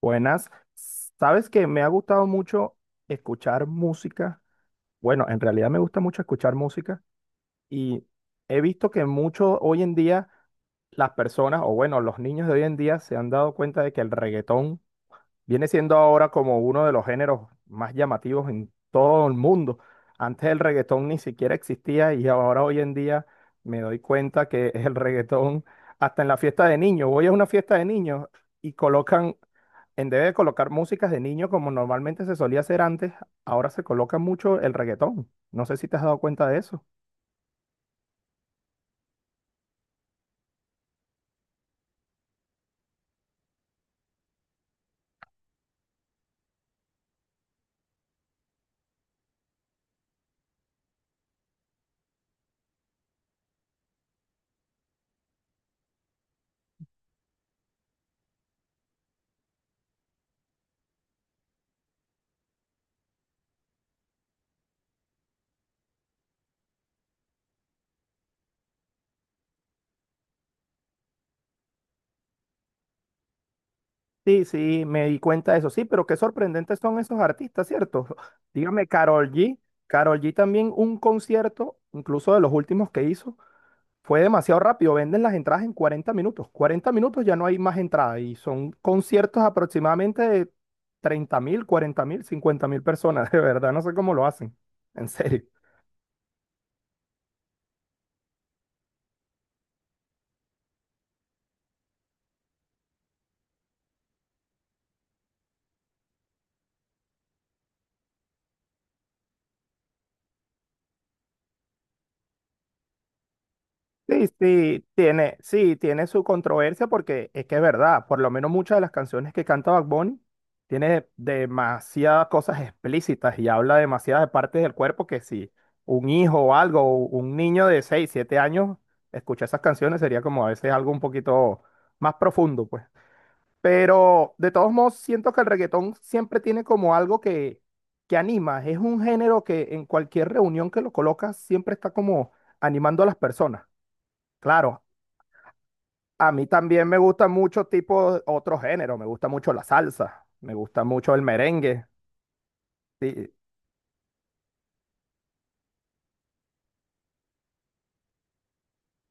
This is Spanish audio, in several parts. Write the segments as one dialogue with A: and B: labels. A: Buenas. Sabes que me ha gustado mucho escuchar música. Bueno, en realidad me gusta mucho escuchar música y he visto que mucho hoy en día las personas, o bueno, los niños de hoy en día se han dado cuenta de que el reggaetón viene siendo ahora como uno de los géneros más llamativos en todo el mundo. Antes el reggaetón ni siquiera existía y ahora hoy en día me doy cuenta que el reggaetón, hasta en la fiesta de niños, voy a una fiesta de niños y colocan en vez de colocar músicas de niño como normalmente se solía hacer antes, ahora se coloca mucho el reggaetón. No sé si te has dado cuenta de eso. Sí, sí, me di cuenta de eso. Sí, pero qué sorprendentes son esos artistas, ¿cierto? Dígame, Karol G. Karol G también un concierto, incluso de los últimos que hizo, fue demasiado rápido. Venden las entradas en 40 minutos. 40 minutos ya no hay más entrada y son conciertos aproximadamente de 30 mil, 40 mil, 50 mil personas. De verdad, no sé cómo lo hacen. En serio. Sí, sí, tiene su controversia porque es que es verdad, por lo menos muchas de las canciones que canta Bad Bunny tiene demasiadas cosas explícitas y habla demasiadas de partes del cuerpo que si un hijo o algo, o un niño de 6, 7 años escucha esas canciones sería como a veces algo un poquito más profundo, pues. Pero de todos modos siento que el reggaetón siempre tiene como algo que anima, es un género que en cualquier reunión que lo colocas siempre está como animando a las personas. Claro, a mí también me gustan muchos tipos, otros géneros. Me gusta mucho la salsa. Me gusta mucho el merengue. Sí,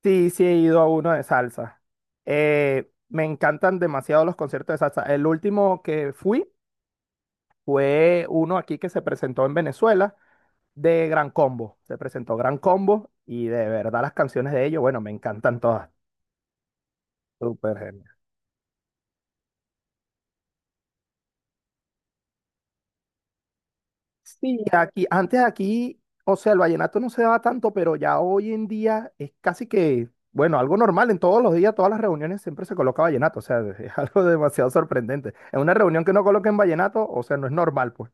A: sí, sí he ido a uno de salsa. Me encantan demasiado los conciertos de salsa. El último que fui fue uno aquí que se presentó en Venezuela de Gran Combo. Se presentó Gran Combo y de verdad las canciones de ellos, bueno, me encantan todas. Súper genial. Aquí, antes aquí, o sea, el vallenato no se daba tanto, pero ya hoy en día es casi que, bueno, algo normal. En todos los días, todas las reuniones siempre se coloca vallenato. O sea, es algo demasiado sorprendente. En una reunión que no coloquen vallenato, o sea, no es normal, pues.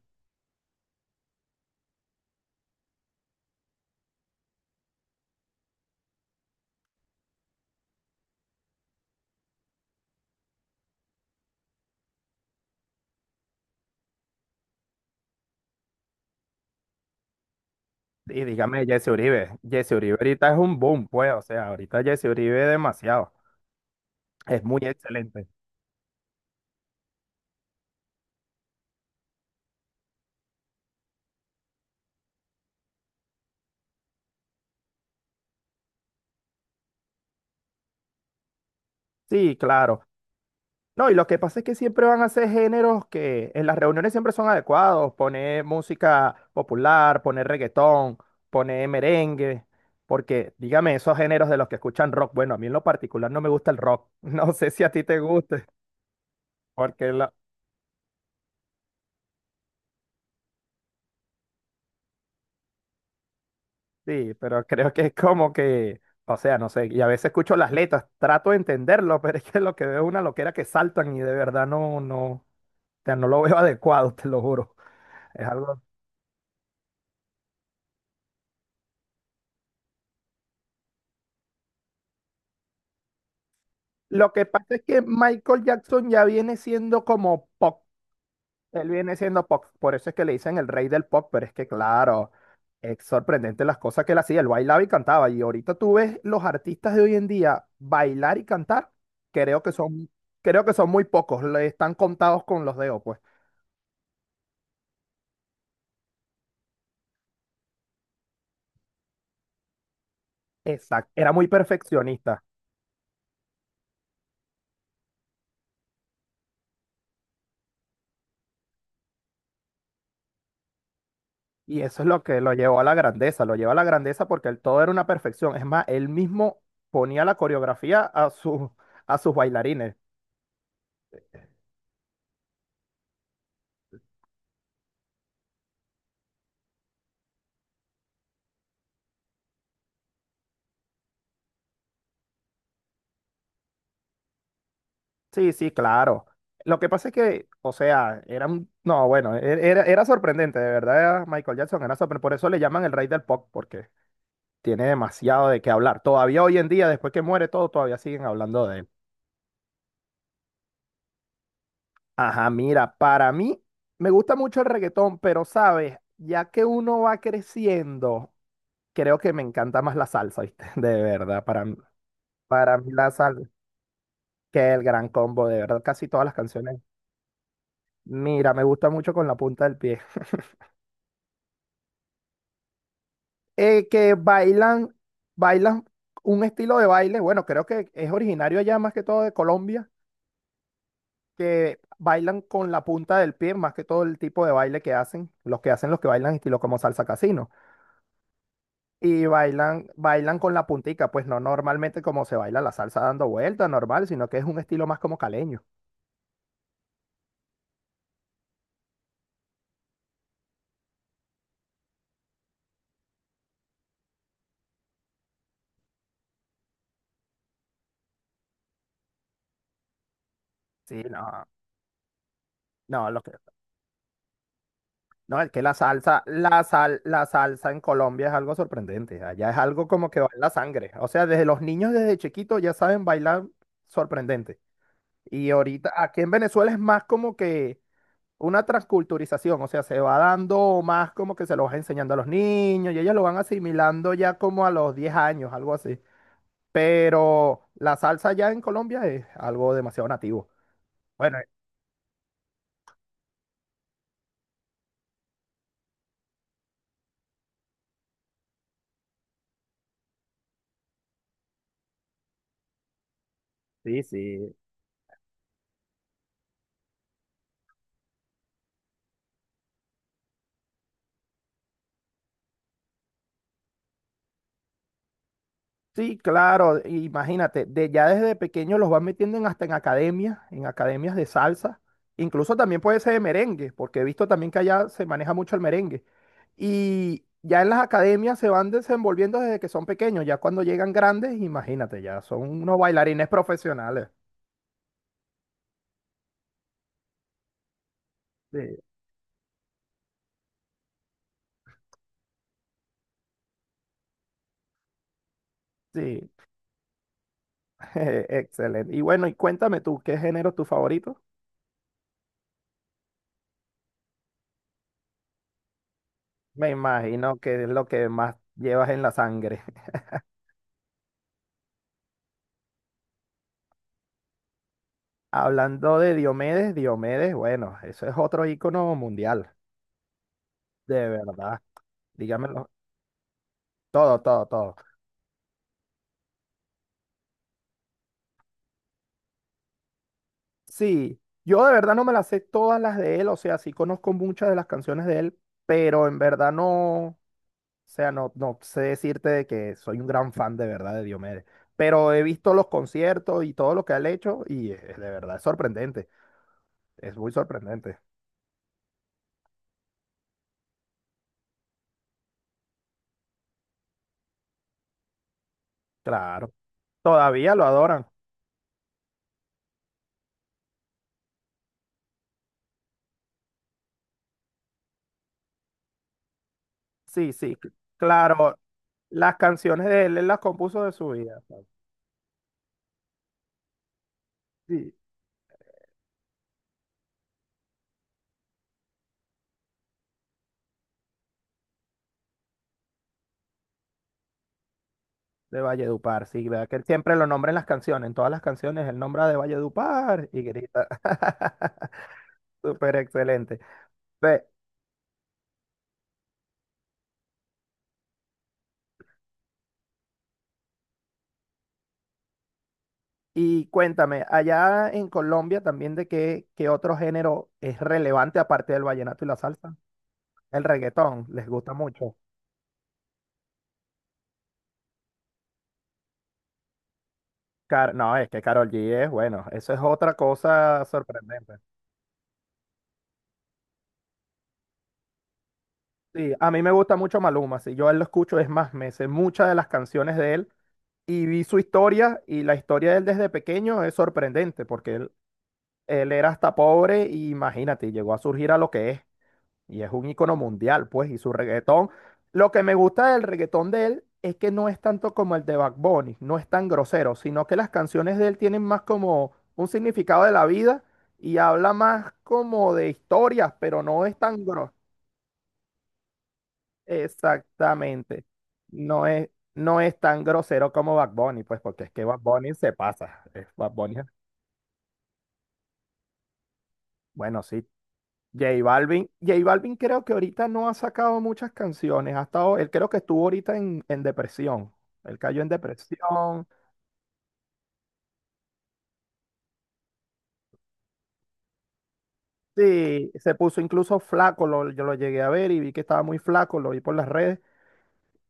A: Y dígame, Jesse Uribe. Jesse Uribe ahorita es un boom, pues. O sea, ahorita Jesse Uribe es demasiado. Es muy excelente. Sí, claro. No, y lo que pasa es que siempre van a ser géneros que en las reuniones siempre son adecuados, poner música popular, poner reggaetón, poner merengue, porque dígame, esos géneros de los que escuchan rock, bueno, a mí en lo particular no me gusta el rock, no sé si a ti te guste, porque la- sí, pero creo que es como que, o sea, no sé, y a veces escucho las letras, trato de entenderlo, pero es que lo que veo es una loquera que saltan y de verdad no, no, o sea, no lo veo adecuado, te lo juro, es algo... Lo que pasa es que Michael Jackson ya viene siendo como pop. Él viene siendo pop. Por eso es que le dicen el rey del pop. Pero es que, claro, es sorprendente las cosas que él hacía. Él bailaba y cantaba. Y ahorita tú ves los artistas de hoy en día bailar y cantar. Creo que son, creo que son muy pocos. Le están contados con los dedos, pues. Exacto. Era muy perfeccionista. Y eso es lo que lo llevó a la grandeza. Lo llevó a la grandeza porque el todo era una perfección. Es más, él mismo ponía la coreografía a sus, bailarines. Sí, sí, claro. Lo que pasa es que, o sea, era un... No, bueno, era sorprendente, de verdad, Michael Jackson era sorprendente. Por eso le llaman el rey del pop, porque tiene demasiado de qué hablar. Todavía hoy en día, después que muere todo, todavía siguen hablando de él. Ajá, mira, para mí me gusta mucho el reggaetón, pero sabes, ya que uno va creciendo, creo que me encanta más la salsa, ¿viste? De verdad, para mí la salsa, que el gran combo, de verdad, casi todas las canciones. Mira, me gusta mucho con la punta del pie. Que bailan, bailan un estilo de baile, bueno, creo que es originario allá más que todo de Colombia, que bailan con la punta del pie, más que todo el tipo de baile que hacen, los que bailan estilo como salsa casino, y bailan con la puntica, pues no normalmente como se baila la salsa dando vueltas, normal, sino que es un estilo más como caleño. Sí, no, no, lo que... No, es que la salsa en Colombia es algo sorprendente. Allá es algo como que va en la sangre. O sea, desde los niños desde chiquitos ya saben bailar sorprendente. Y ahorita aquí en Venezuela es más como que una transculturización. O sea, se va dando más como que se lo va enseñando a los niños y ellos lo van asimilando ya como a los 10 años, algo así. Pero la salsa allá en Colombia es algo demasiado nativo. Bueno, sí, sí. Sí, claro, imagínate, ya desde pequeño los van metiendo hasta en academias de salsa, incluso también puede ser de merengue, porque he visto también que allá se maneja mucho el merengue. Y ya en las academias se van desenvolviendo desde que son pequeños, ya cuando llegan grandes, imagínate, ya son unos bailarines profesionales. Sí, sí, excelente. Y bueno, y cuéntame tú, ¿qué género es tu favorito? Me imagino que es lo que más llevas en la sangre. Hablando de Diomedes, Diomedes, bueno, eso es otro ícono mundial, de verdad. Dígamelo, todo, todo, todo. Sí, yo de verdad no me las sé todas las de él, o sea, sí conozco muchas de las canciones de él, pero en verdad no, o sea, no, no sé decirte de que soy un gran fan de verdad de Diomedes. Pero he visto los conciertos y todo lo que él ha hecho y de verdad es sorprendente, es muy sorprendente. Claro, todavía lo adoran. Sí, sí, claro, las canciones de él, él las compuso de su vida. Sí, de Valledupar, sí, ¿verdad? Que él siempre lo nombra en las canciones, en todas las canciones él nombra de Valledupar y grita. Súper excelente. Ve, y cuéntame, allá en Colombia también de qué otro género es relevante aparte del vallenato y la salsa. El reggaetón, les gusta mucho. No, es que Karol G es bueno, eso es otra cosa sorprendente. Sí, a mí me gusta mucho Maluma, si yo a él lo escucho es más, me sé muchas de las canciones de él y vi su historia y la historia de él desde pequeño es sorprendente porque él era hasta pobre y imagínate, llegó a surgir a lo que es y es un ícono mundial, pues, y su reggaetón. Lo que me gusta del reggaetón de él es que no es tanto como el de Bad Bunny, no es tan grosero, sino que las canciones de él tienen más como un significado de la vida y habla más como de historias, pero no es tan grosero. Exactamente. No es tan grosero como Bad Bunny, pues porque es que Bad Bunny se pasa. Es Bad Bunny. Bueno, sí. J Balvin. J Balvin creo que ahorita no ha sacado muchas canciones. Él creo que estuvo ahorita en depresión. Él cayó en depresión. Sí, se puso incluso flaco. Yo lo llegué a ver y vi que estaba muy flaco. Lo vi por las redes.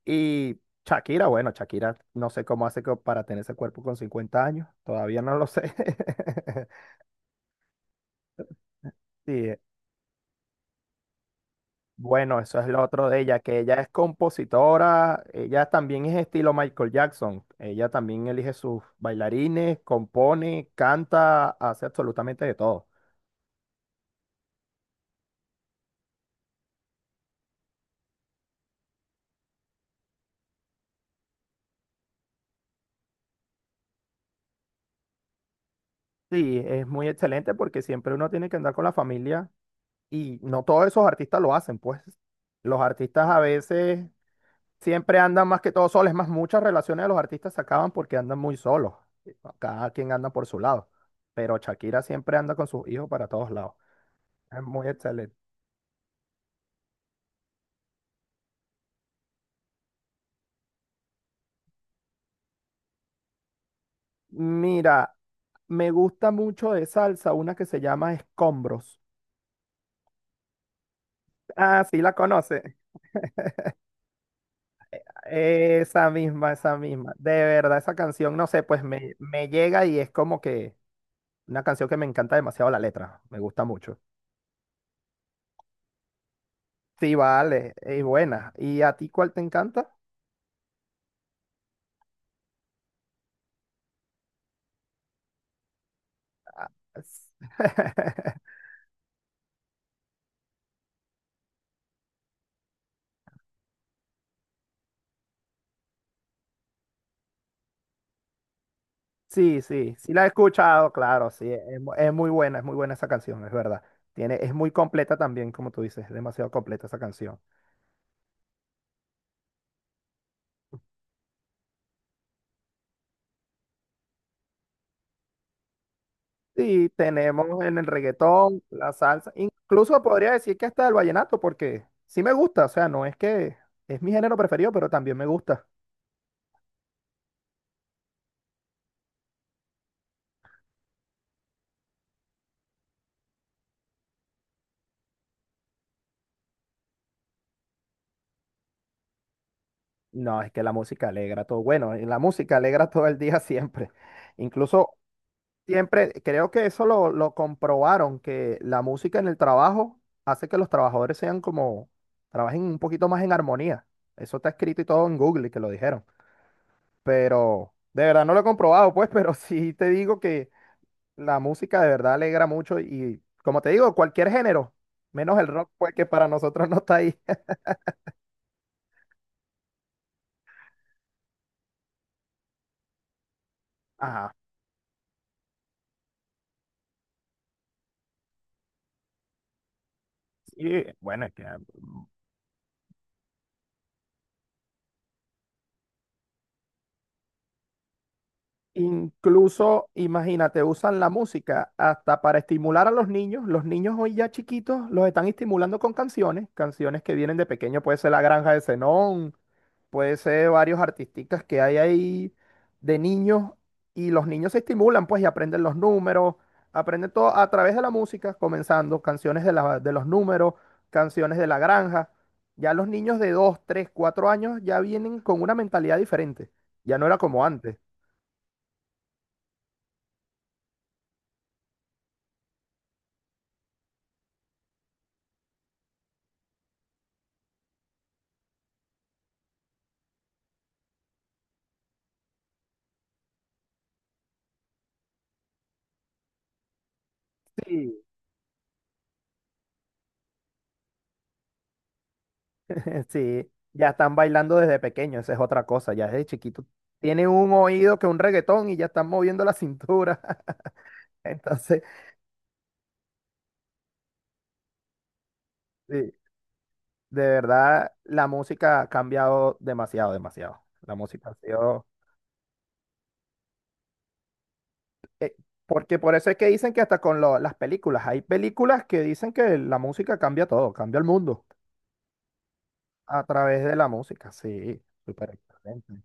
A: Y Shakira, bueno, Shakira, no sé cómo hace para tener ese cuerpo con 50 años. Todavía no lo sé. Sí, bueno, eso es lo otro de ella, que ella es compositora, ella también es estilo Michael Jackson, ella también elige sus bailarines, compone, canta, hace absolutamente de todo. Sí, es muy excelente porque siempre uno tiene que andar con la familia y no todos esos artistas lo hacen, pues los artistas a veces siempre andan más que todo solos, es más, muchas relaciones de los artistas se acaban porque andan muy solos, cada quien anda por su lado, pero Shakira siempre anda con sus hijos para todos lados, es muy excelente. Mira, me gusta mucho de salsa una que se llama Escombros. Ah, sí, la conoce. Esa misma, esa misma. De verdad, esa canción, no sé, pues me llega y es como que una canción que me encanta demasiado la letra. Me gusta mucho. Sí, vale, es buena. ¿Y a ti cuál te encanta? Ah, s- Sí, sí, sí la he escuchado, claro, sí, es muy buena esa canción, es verdad. Es muy completa también, como tú dices, es demasiado completa esa canción. Sí, tenemos en el reggaetón, la salsa, incluso podría decir que hasta el vallenato, porque sí me gusta, o sea, no es que es mi género preferido, pero también me gusta. No, es que la música alegra todo, bueno, y la música alegra todo el día siempre. Incluso siempre, creo que eso lo comprobaron, que la música en el trabajo hace que los trabajadores sean como, trabajen un poquito más en armonía. Eso está escrito y todo en Google, y que lo dijeron, pero de verdad no lo he comprobado, pues, pero sí te digo que... La música de verdad alegra mucho y, como te digo, cualquier género, menos el rock, pues que para nosotros no está ahí. Ajá. Sí, bueno, es que mm, incluso, imagínate, usan la música hasta para estimular a los niños. Los niños hoy ya chiquitos los están estimulando con canciones, canciones que vienen de pequeño, puede ser La Granja de Zenón, puede ser varios artistas que hay ahí de niños y los niños se estimulan, pues, y aprenden los números, aprenden todo a través de la música, comenzando canciones de los números, canciones de la granja. Ya los niños de 2, 3, 4 años ya vienen con una mentalidad diferente. Ya no era como antes. Sí. Sí, ya están bailando desde pequeño, esa es otra cosa, ya desde chiquito. Tiene un oído que un reggaetón y ya están moviendo la cintura. Entonces, sí. De verdad, la música ha cambiado demasiado, demasiado. La música ha sido... eh, porque por eso es que dicen que hasta con las películas, hay películas que dicen que la música cambia todo, cambia el mundo a través de la música. Sí, súper excelente.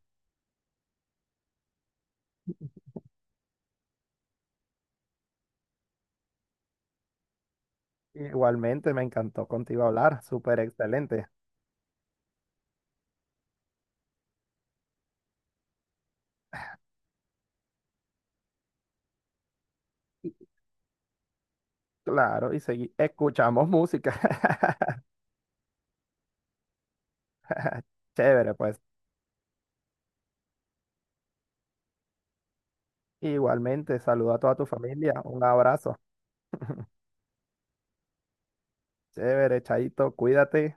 A: Igualmente, me encantó contigo hablar, súper excelente. Y claro, y escuchamos música. Chévere, pues. Igualmente, saludo a toda tu familia, un abrazo. Chévere, Chaito, cuídate.